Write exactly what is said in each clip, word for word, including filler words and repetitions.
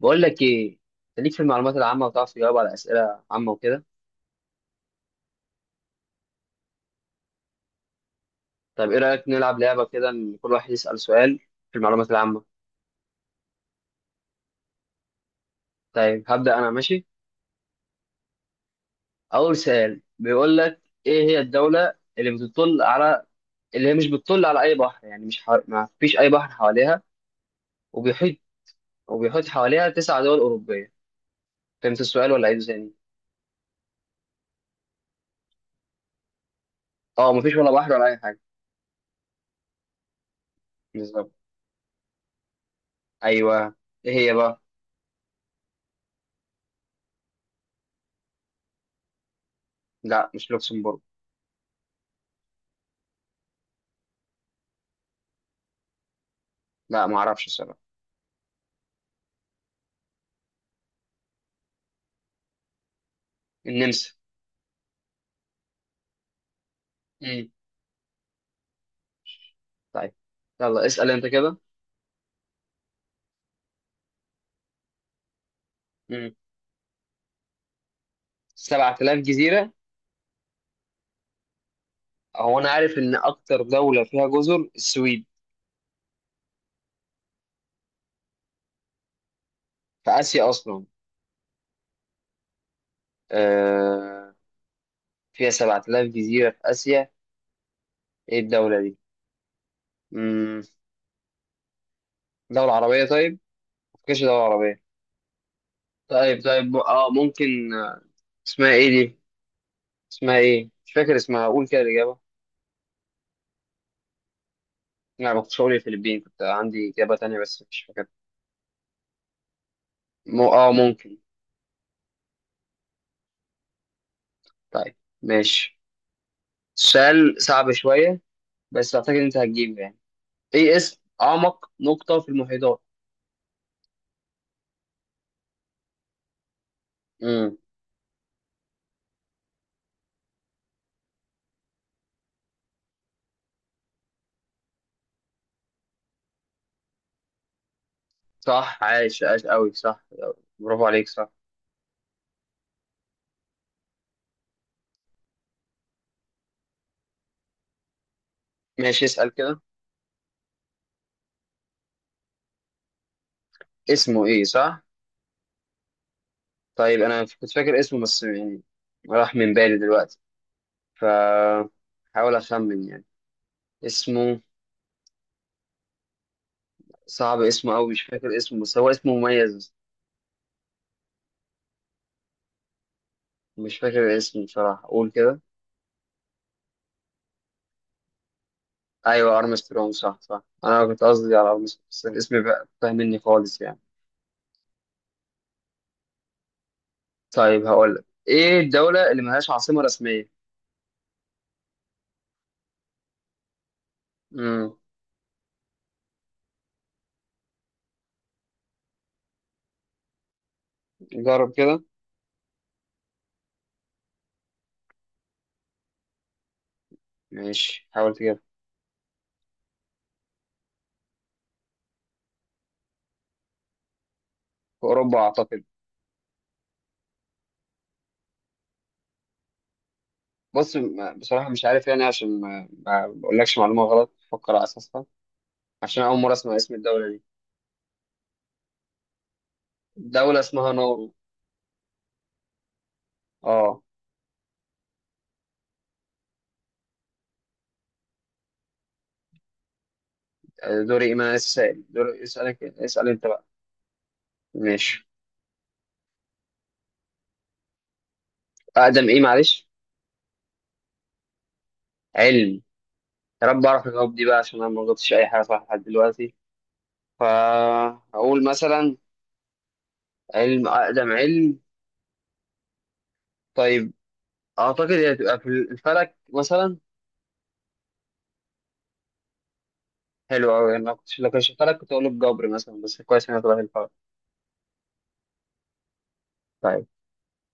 بقول لك ايه. انت ليك في المعلومات العامه، وتعرف تجاوب على اسئله عامه وكده. طيب، ايه رايك نلعب لعبه كده، ان كل واحد يسال سؤال في المعلومات العامه. طيب هبدا انا، ماشي. اول سؤال بيقول لك: ايه هي الدوله اللي بتطل على، اللي هي مش بتطل على اي بحر، يعني مش حو... ما فيش اي بحر حواليها، وبيحيط وبيحيط حواليها تسع دول اوروبيه. فهمت السؤال ولا عيده تاني؟ اه، ما فيش ولا بحر ولا اي حاجه. بالظبط. ايوه. ايه هي بقى؟ لا، مش لوكسمبورغ. لا، ما اعرفش الصراحه. النمسا. مم. طيب. يلا اسأل انت كده. امم سبعة آلاف جزيرة؟ هو انا عارف ان اكتر دولة فيها جزر السويد. في اسيا اصلا؟ آه، فيها سبع تلاف جزيرة في اسيا. ايه الدولة دي؟ امم دولة عربية؟ طيب، مفيش دولة عربية. طيب طيب، م- اه، ممكن آه، اسمها ايه دي؟ اسمها ايه؟ مش فاكر اسمها، قول كده الإجابة. لا، ما كنتش هقول الفلبين، كنت عندي إجابة تانية بس مش فاكر. مو... اه، ممكن. طيب، ماشي. السؤال صعب شوية، بس أعتقد أنت هتجيبه يعني. ايه اسم اعمق نقطة في المحيطات؟ امم. صح، عاش عاش قوي، صح. برافو عليك، صح. ماشي، اسأل كده. اسمه ايه؟ صح. طيب انا كنت فاكر اسمه بس يعني راح من بالي دلوقتي، ف حاول اخمن يعني. اسمه. صعب اسمه قوي، مش فاكر اسمه، بس هو اسمه مميز. مش فاكر اسمه بصراحة، قول كده. ايوه، ارمسترونج، صح صح، انا كنت قصدي على ارمسترونج بس الاسم بقى فاهم مني خالص يعني. طيب هقول لك: ايه الدولة اللي ملهاش عاصمة رسمية؟ امم جرب كده. ماشي، حاول تجيبها. في أوروبا أعتقد. بص، م- بصراحة مش عارف يعني، عشان ما ما بقولكش معلومة غلط فكر على أساسها، عشان أول مرة أسمع اسم الدولة دي. دولة اسمها نورو. أه. دوري إيه؟ ما أنا لسه سائل، دوري اسألك. اسأل أنت بقى. ماشي. أقدم إيه؟ معلش. علم. يا رب أعرف الجواب دي بقى، عشان أنا ما غلطتش أي حاجة صح لحد دلوقتي. فأقول مثلا علم، أقدم علم. طيب، أعتقد هي هتبقى في الفلك مثلا. حلو أوي، أنا كنت لو كنت شفت لك كنت أقول الجبر مثلا، بس كويس إنك رايح الفرق. طيب.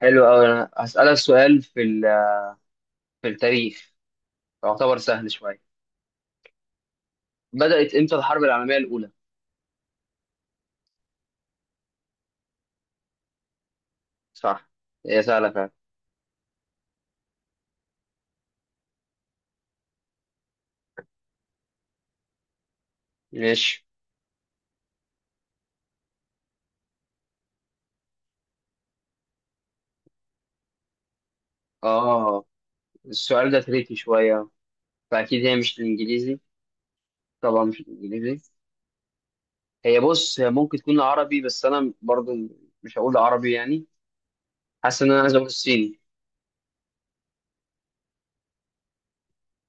حلو أوي، أنا هسألك سؤال في ال- في التاريخ، يعتبر سهل شوية. بدأت إمتى الحرب العالمية الأولى؟ صح، هي سهلة فعلا. ماشي. آه السؤال ده تريكي شوية، فأكيد هي مش الإنجليزي. طبعا مش الإنجليزي. هي بص، هي ممكن تكون عربي، بس أنا برضو مش هقول عربي يعني. حاسس إن أنا عايز أقول الصيني.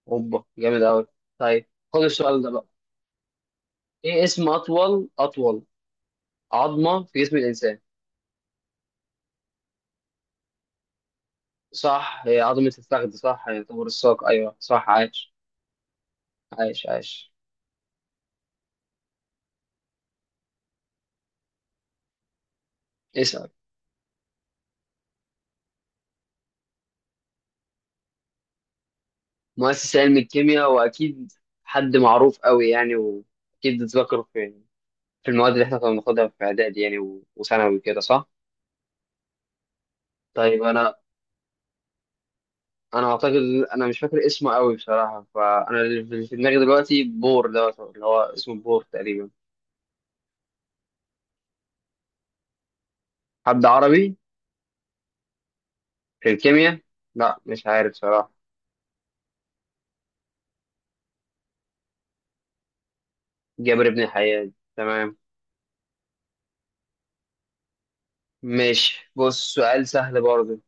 أوبا، جامد أوي. طيب، خد السؤال ده بقى. إيه اسم أطول، أطول عظمة في جسم الإنسان؟ صح، هي عظمة الفخذ، صح يعتبر الساق، أيوه صح، عاش عاش عاش. اسأل. مؤسس علم الكيمياء، وأكيد حد معروف قوي يعني، وأكيد اتذكر في في المواد اللي إحنا كنا بناخدها في إعدادي يعني و- وثانوي وكده، صح. طيب أنا أنا أعتقد. أنا مش فاكر اسمه قوي بصراحة، فأنا اللي في دماغي دلوقتي بور دوت، اللي هو اسمه بور تقريبا. حد عربي؟ في الكيمياء؟ لا، مش عارف صراحة. جابر بن حيان، تمام. ماشي، بص سؤال سهل برضه.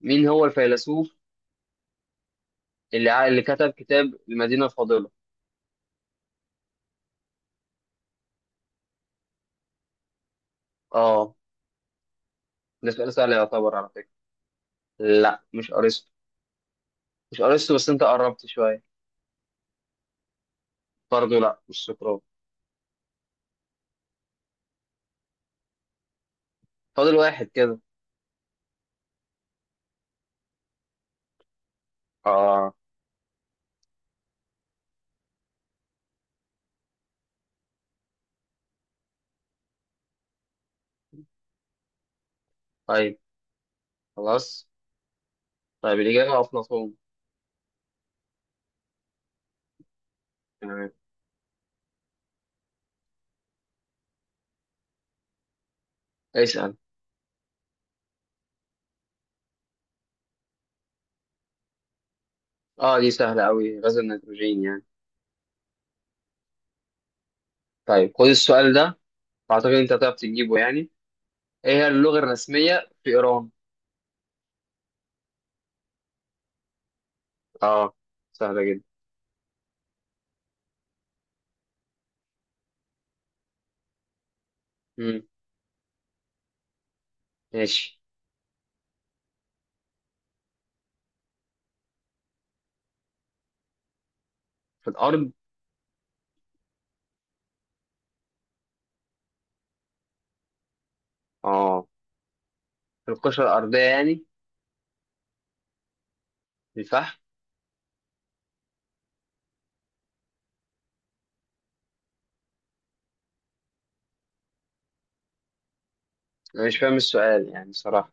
مين هو الفيلسوف اللي ع- اللي كتب كتاب المدينة الفاضلة؟ اه، ده سؤال سهل يعتبر على فكرة. لا، مش أرسطو. مش أرسطو بس أنت قربت شوية. برضه لا، مش سقراط. فاضل واحد كده. اه. طيب خلاص. طيب، الإجابة أفلاطون. تمام. اسأل. اه، دي سهلة أوي، غاز النيتروجين يعني. طيب خد السؤال ده، أعتقد أنت هتعرف تجيبه يعني. إيه هي اللغة الرسمية في إيران؟ اه، سهلة جدا. مم. ماشي. في الأرض؟ اه، القشرة الأرضية يعني. الفحم. أنا مش فاهم السؤال يعني صراحة.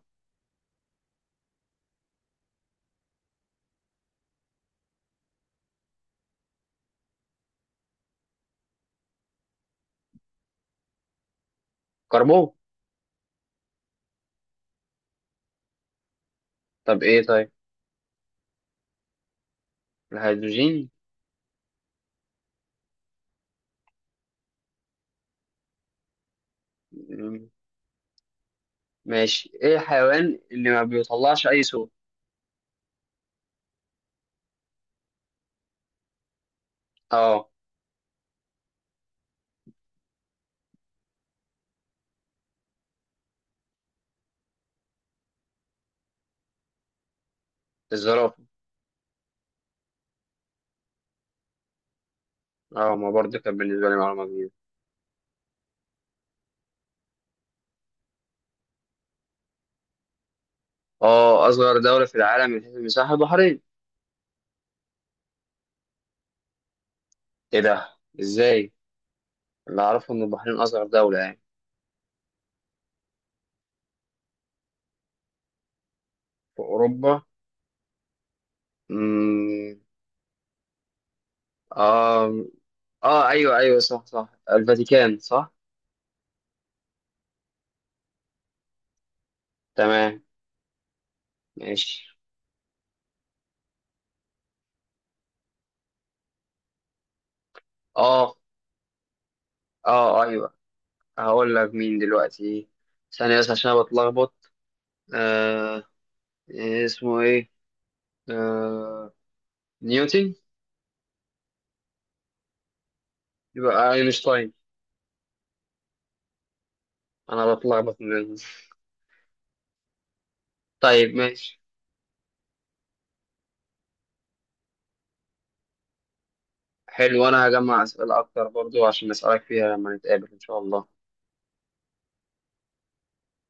كربون. طب إيه؟ طيب، الهيدروجين. مم، ماشي. إيه الحيوان اللي ما بيطلعش أي صوت؟ أه. الزرافة. أه، ما برضه كانت بالنسبة لي معلومة جديدة. أه، أصغر دولة في العالم من حيث المساحة، البحرين. إيه ده، إزاي؟ اللي أعرفه إن البحرين أصغر دولة يعني. في أوروبا؟ مم. أه. أه، أيوه أيوه، صح صح، الفاتيكان، صح. تمام، ماشي. أه أه، آه، أيوه. هقول لك مين دلوقتي، ثانية بس عشان أنا بتلخبط. آه إيه اسمه، إيه؟ آه نيوتن. يبقى أينشتاين. أنا بتلخبط من. طيب ماشي. حلو، أنا هجمع أسئلة أكتر برضو عشان أسألك فيها لما نتقابل إن شاء الله.